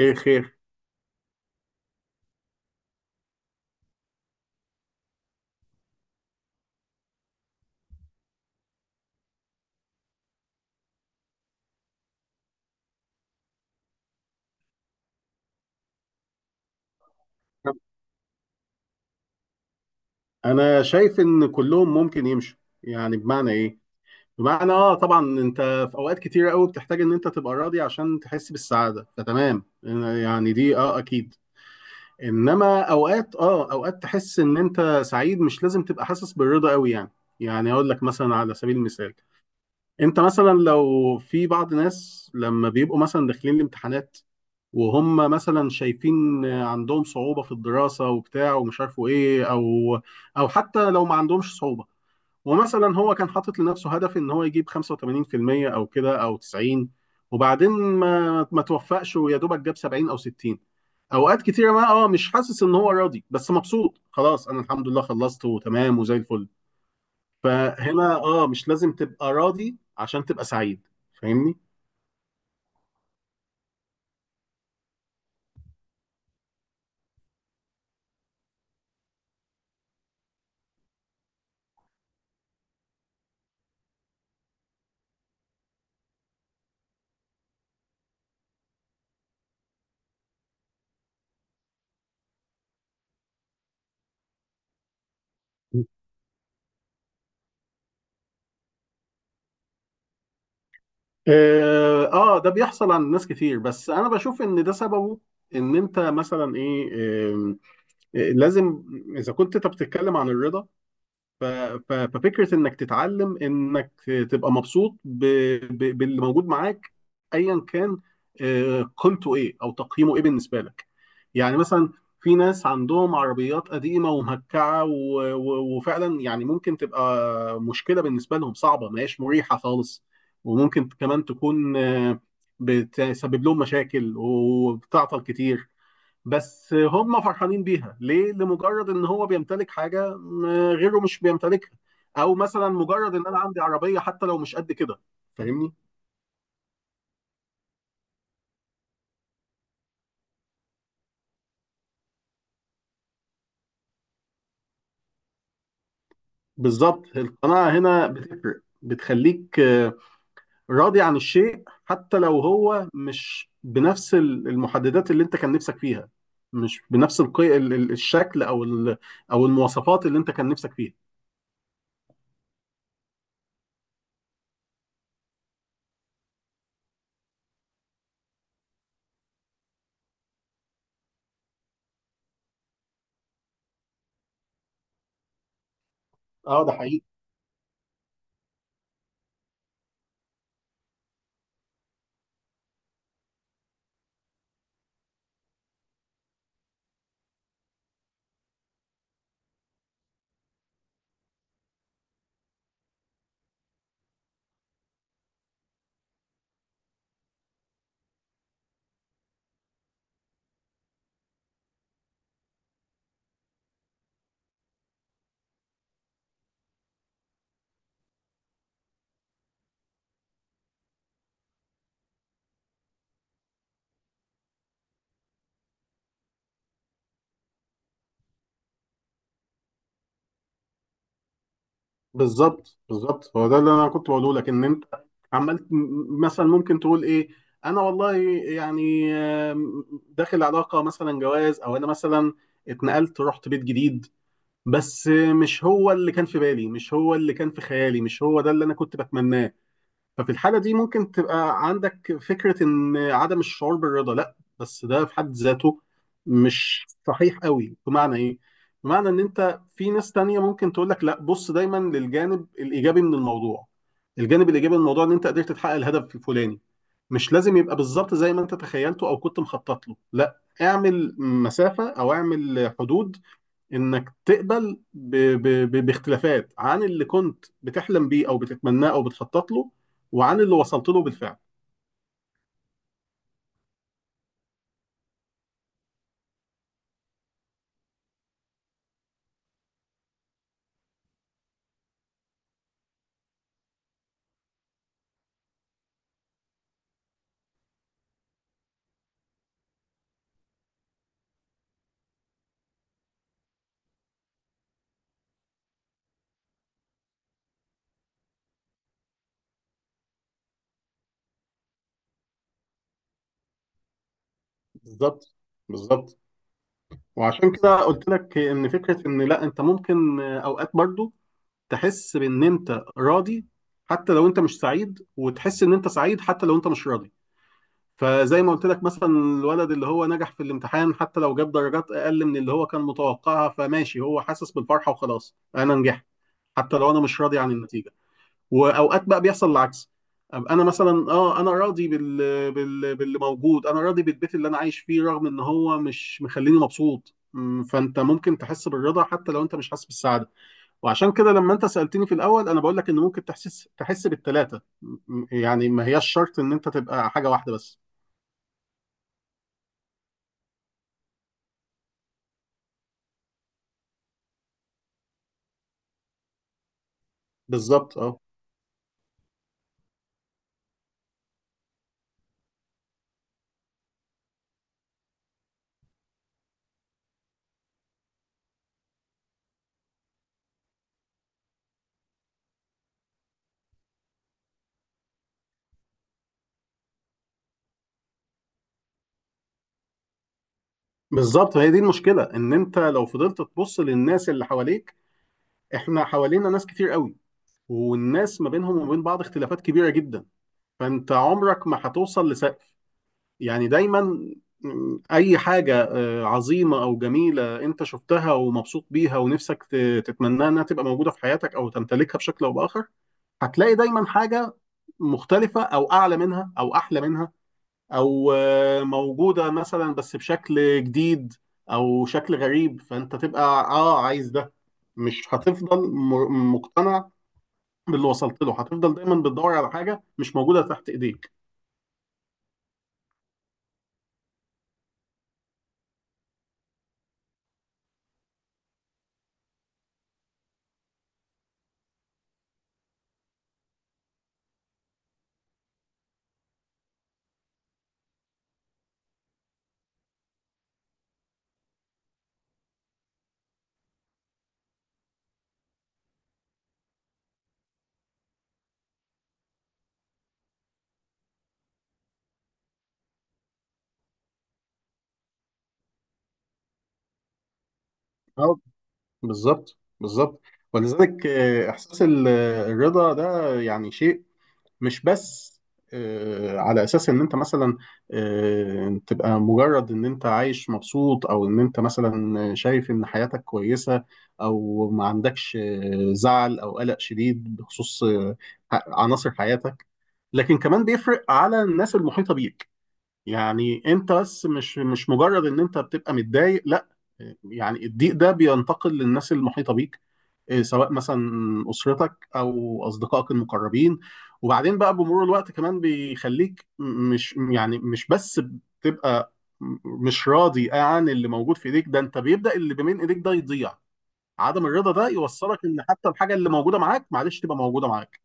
ايه خير؟ انا شايف ان كلهم ممكن يمشوا. يعني بمعنى ايه؟ بمعنى طبعا انت في اوقات كتيره قوي بتحتاج ان انت تبقى راضي عشان تحس بالسعاده، فتمام. يعني دي اكيد. انما اوقات اوقات تحس ان انت سعيد، مش لازم تبقى حاسس بالرضا قوي يعني. يعني اقول لك مثلا على سبيل المثال، انت مثلا لو في بعض ناس لما بيبقوا مثلا داخلين الامتحانات، وهم مثلا شايفين عندهم صعوبة في الدراسة وبتاع، ومش عارفوا ايه، او حتى لو ما عندهمش صعوبة، ومثلا هو كان حاطط لنفسه هدف ان هو يجيب 85%، او كده، او 90، وبعدين ما توفقش ويا دوبك جاب 70 او 60. اوقات كتيرة ما اه مش حاسس ان هو راضي، بس مبسوط. خلاص، انا الحمد لله خلصت وتمام وزي الفل. فهنا مش لازم تبقى راضي عشان تبقى سعيد. فاهمني؟ ده بيحصل عند ناس كتير، بس انا بشوف ان ده سببه ان انت مثلا ايه. آم، لازم، اذا كنت انت بتتكلم عن الرضا، ف- ففكرة انك تتعلم انك تبقى مبسوط باللي موجود معاك، ايا كان قيمته ايه او تقييمه ايه بالنسبة لك. يعني مثلا في ناس عندهم عربيات قديمة ومهكعة وفعلا يعني ممكن تبقى مشكلة بالنسبة لهم صعبة، ما هياش مريحة خالص، وممكن كمان تكون بتسبب لهم مشاكل وبتعطل كتير. بس هم فرحانين بيها ليه؟ لمجرد ان هو بيمتلك حاجه غيره مش بيمتلكها، او مثلا مجرد ان انا عندي عربيه حتى لو مش قد كده. فاهمني؟ بالظبط، القناعه هنا بتفرق، بتخليك راضي عن الشيء حتى لو هو مش بنفس المحددات اللي انت كان نفسك فيها، مش بنفس الشكل او المواصفات اللي انت كان نفسك فيها. اه ده حقيقي. بالظبط، بالظبط، هو ده اللي انا كنت بقوله لك، ان انت عمال مثلا ممكن تقول ايه: انا والله يعني داخل علاقه مثلا جواز، او انا مثلا اتنقلت رحت بيت جديد، بس مش هو اللي كان في بالي، مش هو اللي كان في خيالي، مش هو ده اللي انا كنت بتمناه. ففي الحالة دي ممكن تبقى عندك فكرة إن عدم الشعور بالرضا، لأ، بس ده في حد ذاته مش صحيح قوي. بمعنى إيه؟ بمعنى إن أنت في ناس تانية ممكن تقول لك: لأ، بص دايما للجانب الإيجابي من الموضوع. الجانب الإيجابي من الموضوع إن أنت قدرت تحقق الهدف الفلاني، مش لازم يبقى بالظبط زي ما أنت تخيلته أو كنت مخطط له. لأ، اعمل مسافة أو اعمل حدود انك تقبل باختلافات عن اللي كنت بتحلم بيه او بتتمناه او بتخطط له، وعن اللي وصلت له بالفعل. بالظبط، بالظبط. وعشان كده قلت لك ان فكره ان لا، انت ممكن اوقات برضو تحس بان انت راضي حتى لو انت مش سعيد، وتحس ان انت سعيد حتى لو انت مش راضي. فزي ما قلت لك مثلا، الولد اللي هو نجح في الامتحان حتى لو جاب درجات اقل من اللي هو كان متوقعها، فماشي هو حاسس بالفرحه وخلاص، انا نجحت حتى لو انا مش راضي عن النتيجه. واوقات بقى بيحصل العكس، أبقى انا مثلا انا راضي باللي موجود، انا راضي بالبيت اللي انا عايش فيه رغم ان هو مش مخليني مبسوط. فانت ممكن تحس بالرضا حتى لو انت مش حاسس بالسعاده. وعشان كده لما انت سالتني في الاول، انا بقول لك ان ممكن تحس بالثلاثه. يعني ما هياش شرط ان انت تبقى حاجه واحده بس. بالظبط، بالظبط، هي دي المشكله، ان انت لو فضلت تبص للناس اللي حواليك، احنا حوالينا ناس كتير قوي، والناس ما بينهم وما بين بعض اختلافات كبيره جدا. فانت عمرك ما هتوصل لسقف. يعني دايما اي حاجه عظيمه او جميله انت شفتها ومبسوط بيها ونفسك تتمناها انها تبقى موجوده في حياتك او تمتلكها بشكل او باخر، هتلاقي دايما حاجه مختلفه او اعلى منها او احلى منها، او موجوده مثلا بس بشكل جديد او شكل غريب، فانت تبقى عايز ده. مش هتفضل مقتنع باللي وصلت له، هتفضل دايما بتدور على حاجه مش موجوده تحت ايديك. بالظبط، بالظبط. ولذلك احساس الرضا ده يعني شيء مش بس على اساس ان انت مثلا تبقى مجرد ان انت عايش مبسوط، او ان انت مثلا شايف ان حياتك كويسة، او ما عندكش زعل او قلق شديد بخصوص عناصر حياتك، لكن كمان بيفرق على الناس المحيطة بيك. يعني انت بس مش مجرد ان انت بتبقى متضايق، لا، يعني الضيق ده بينتقل للناس المحيطة بيك. إيه، سواء مثلا أسرتك أو أصدقائك المقربين. وبعدين بقى بمرور الوقت كمان بيخليك مش يعني مش بس بتبقى م- مش راضي عن اللي موجود في ايديك، ده انت بيبدأ اللي بين ايديك ده يضيع. عدم الرضا ده يوصلك ان حتى الحاجة اللي موجودة معاك، معلش، تبقى موجودة معاك.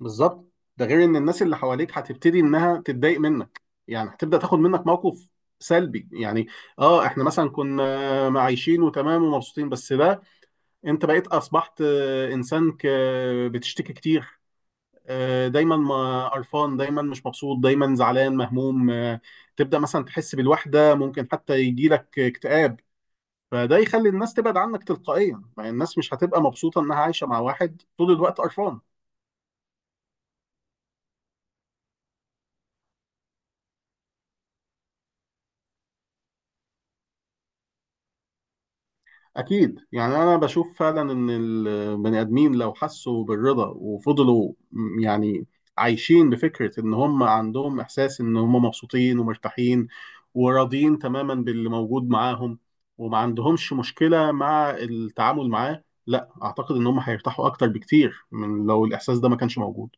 بالظبط. ده غير ان الناس اللي حواليك هتبتدي انها تتضايق منك، يعني هتبدا تاخد منك موقف سلبي يعني. اه احنا مثلا كنا عايشين وتمام ومبسوطين، بس ده انت بقيت اصبحت انسان بتشتكي كتير، دايما، قرفان دايما، مش مبسوط دايما، زعلان مهموم، تبدا مثلا تحس بالوحده، ممكن حتى يجي لك اكتئاب، فده يخلي الناس تبعد عنك تلقائيا. مع الناس مش هتبقى مبسوطه انها عايشه مع واحد طول الوقت قرفان. أكيد. يعني أنا بشوف فعلا إن البني آدمين لو حسوا بالرضا وفضلوا يعني عايشين بفكرة إن هم عندهم إحساس إن هم مبسوطين ومرتاحين وراضيين تماما باللي موجود معاهم وما عندهمش مشكلة مع التعامل معاه، لا، أعتقد إن هم هيرتاحوا أكتر بكتير من لو الإحساس ده ما كانش موجود.